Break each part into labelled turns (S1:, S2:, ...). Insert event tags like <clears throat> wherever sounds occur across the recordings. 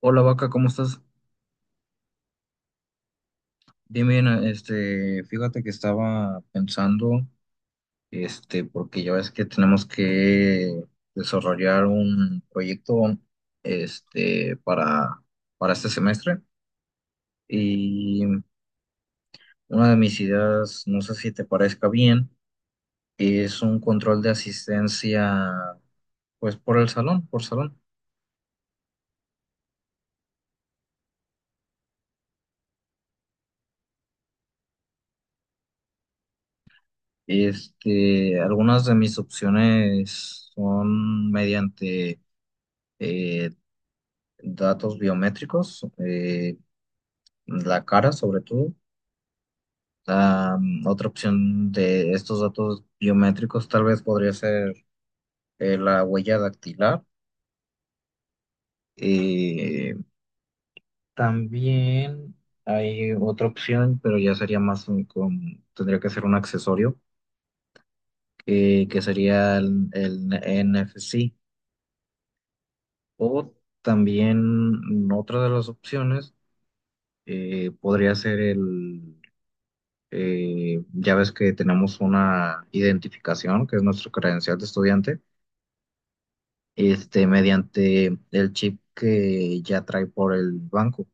S1: Hola vaca, ¿cómo estás? Bien, bien, fíjate que estaba pensando, porque ya ves que tenemos que desarrollar un proyecto, este, para, para este semestre y una de mis ideas, no sé si te parezca bien, es un control de asistencia, pues por el salón, por salón. Algunas de mis opciones son mediante eh, datos biométricos, la cara sobre todo. Ah, otra opción de estos datos biométricos tal vez podría ser la huella dactilar. Eh, también hay otra opción, pero ya sería más tendría que ser un accesorio, que sería el NFC. O también otra de las opciones podría ser el ya ves que tenemos una identificación, que es nuestro credencial de estudiante, mediante el chip que ya trae por el banco.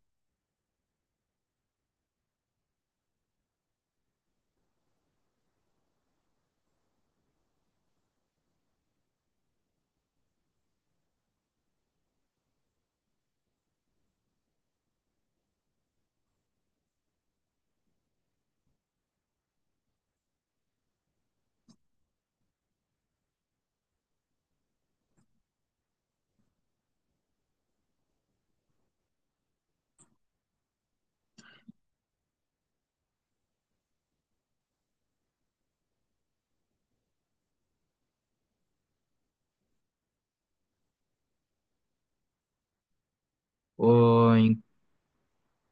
S1: O,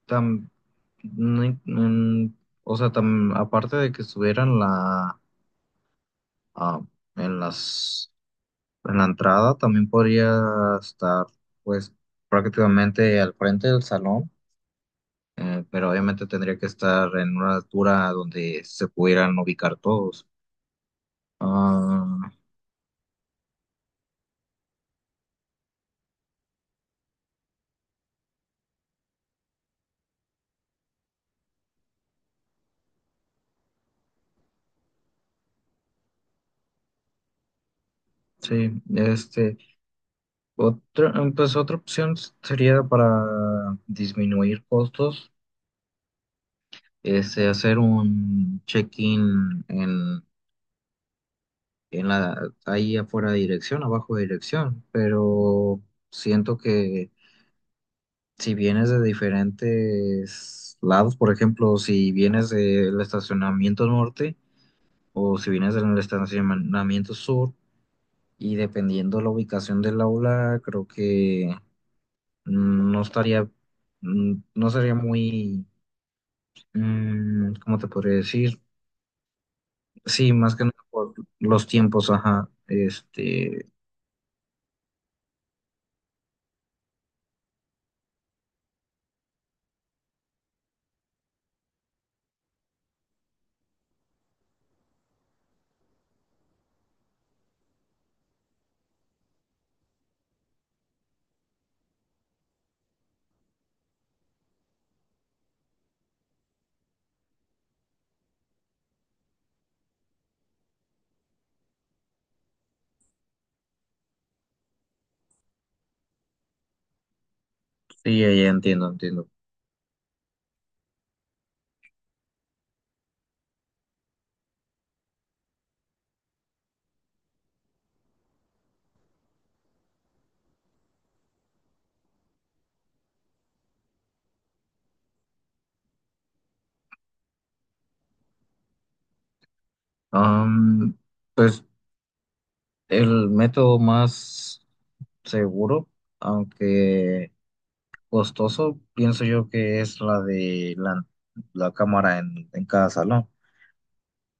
S1: tam- no o sea, aparte de que estuviera en la, ah, en las, en la entrada, también podría estar, pues, prácticamente al frente del salón, pero obviamente tendría que estar en una altura donde se pudieran ubicar todos. Ah, sí, pues otra opción sería para disminuir costos, hacer un check-in ahí afuera de dirección, abajo de dirección, pero siento que si vienes de diferentes lados, por ejemplo, si vienes del estacionamiento norte o si vienes del estacionamiento sur, y dependiendo la ubicación del aula, creo que no estaría, no sería muy, ¿cómo te podría decir? Sí, más que nada por los tiempos, ajá, sí, ya, ya entiendo, entiendo. Am, pues el método más seguro, aunque costoso, pienso yo que es la de la cámara en cada salón,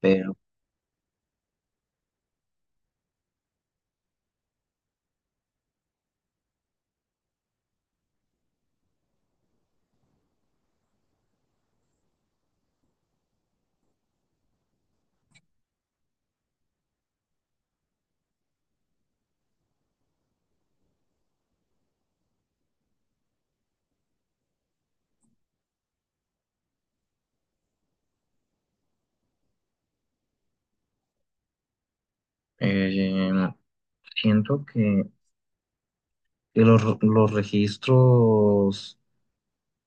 S1: pero eh, siento que los registros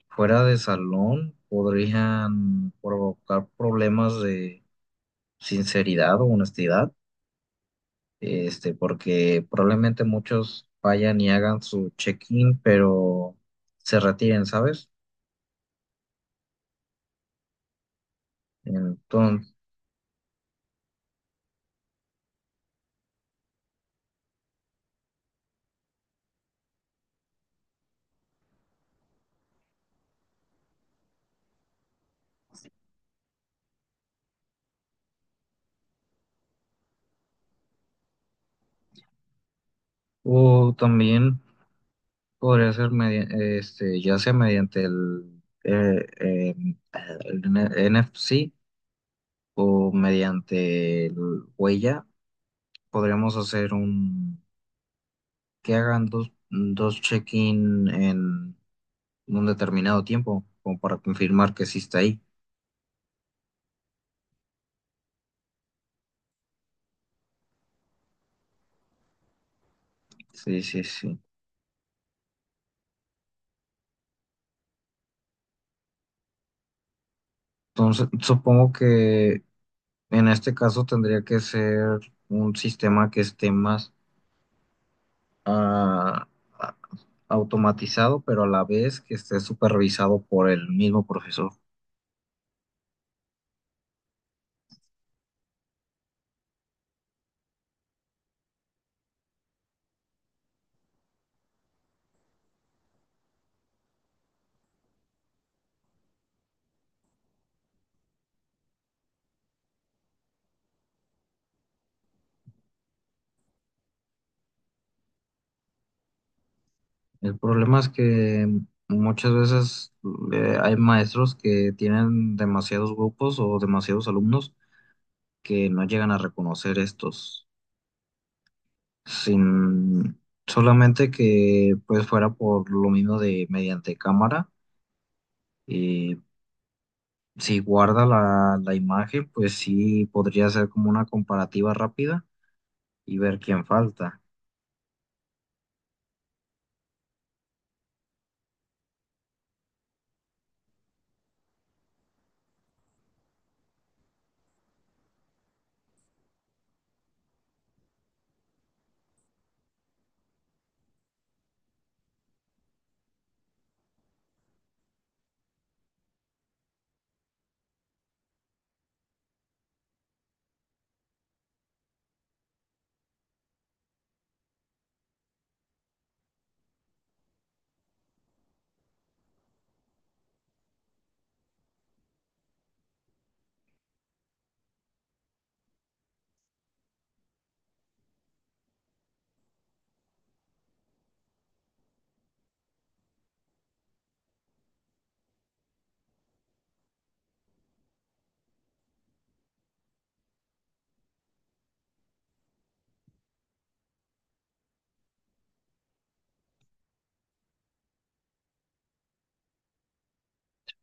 S1: fuera de salón podrían provocar problemas de sinceridad o honestidad, porque probablemente muchos vayan y hagan su check-in, pero se retiren, ¿sabes? Entonces, o también podría ser ya sea mediante el NFC o mediante el huella, podríamos hacer un que hagan dos check-in en un determinado tiempo, como para confirmar que sí está ahí. Sí, sí, sí. Entonces, supongo que en este caso tendría que ser un sistema que esté más ah, a- automatizado, pero a la vez que esté supervisado por el mismo profesor. El problema es que muchas veces hay maestros que tienen demasiados grupos o demasiados alumnos que no llegan a reconocer estos. Sin solamente que pues fuera por lo mismo de mediante cámara. eh, si guarda la imagen, pues sí podría ser como una comparativa rápida y ver quién falta.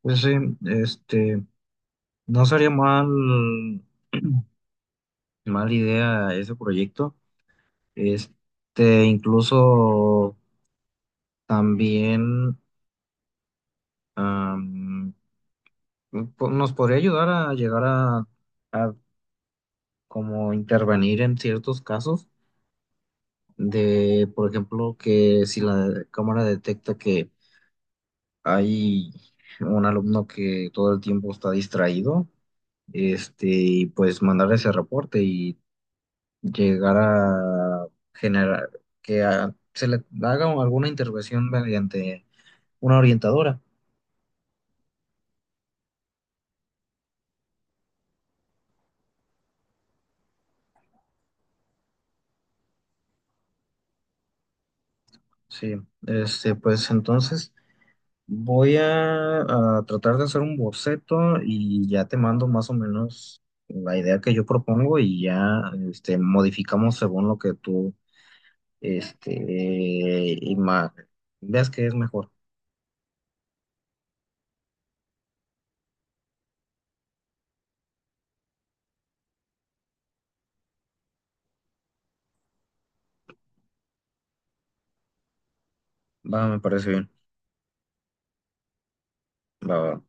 S1: Pues sí, este, no sería mal, <clears throat> mal idea ese proyecto. Incluso también am, nos podría ayudar a llegar a a como intervenir en ciertos casos de, por ejemplo, que si la cámara detecta que hay un alumno que todo el tiempo está distraído, y pues mandar ese reporte y llegar a generar que se le haga alguna intervención mediante una orientadora. Sí, pues entonces. Voy a tratar de hacer un boceto y ya te mando más o menos la idea que yo propongo y ya modificamos según lo que tú este, ima- veas que es mejor. Va, me parece bien. Va, va.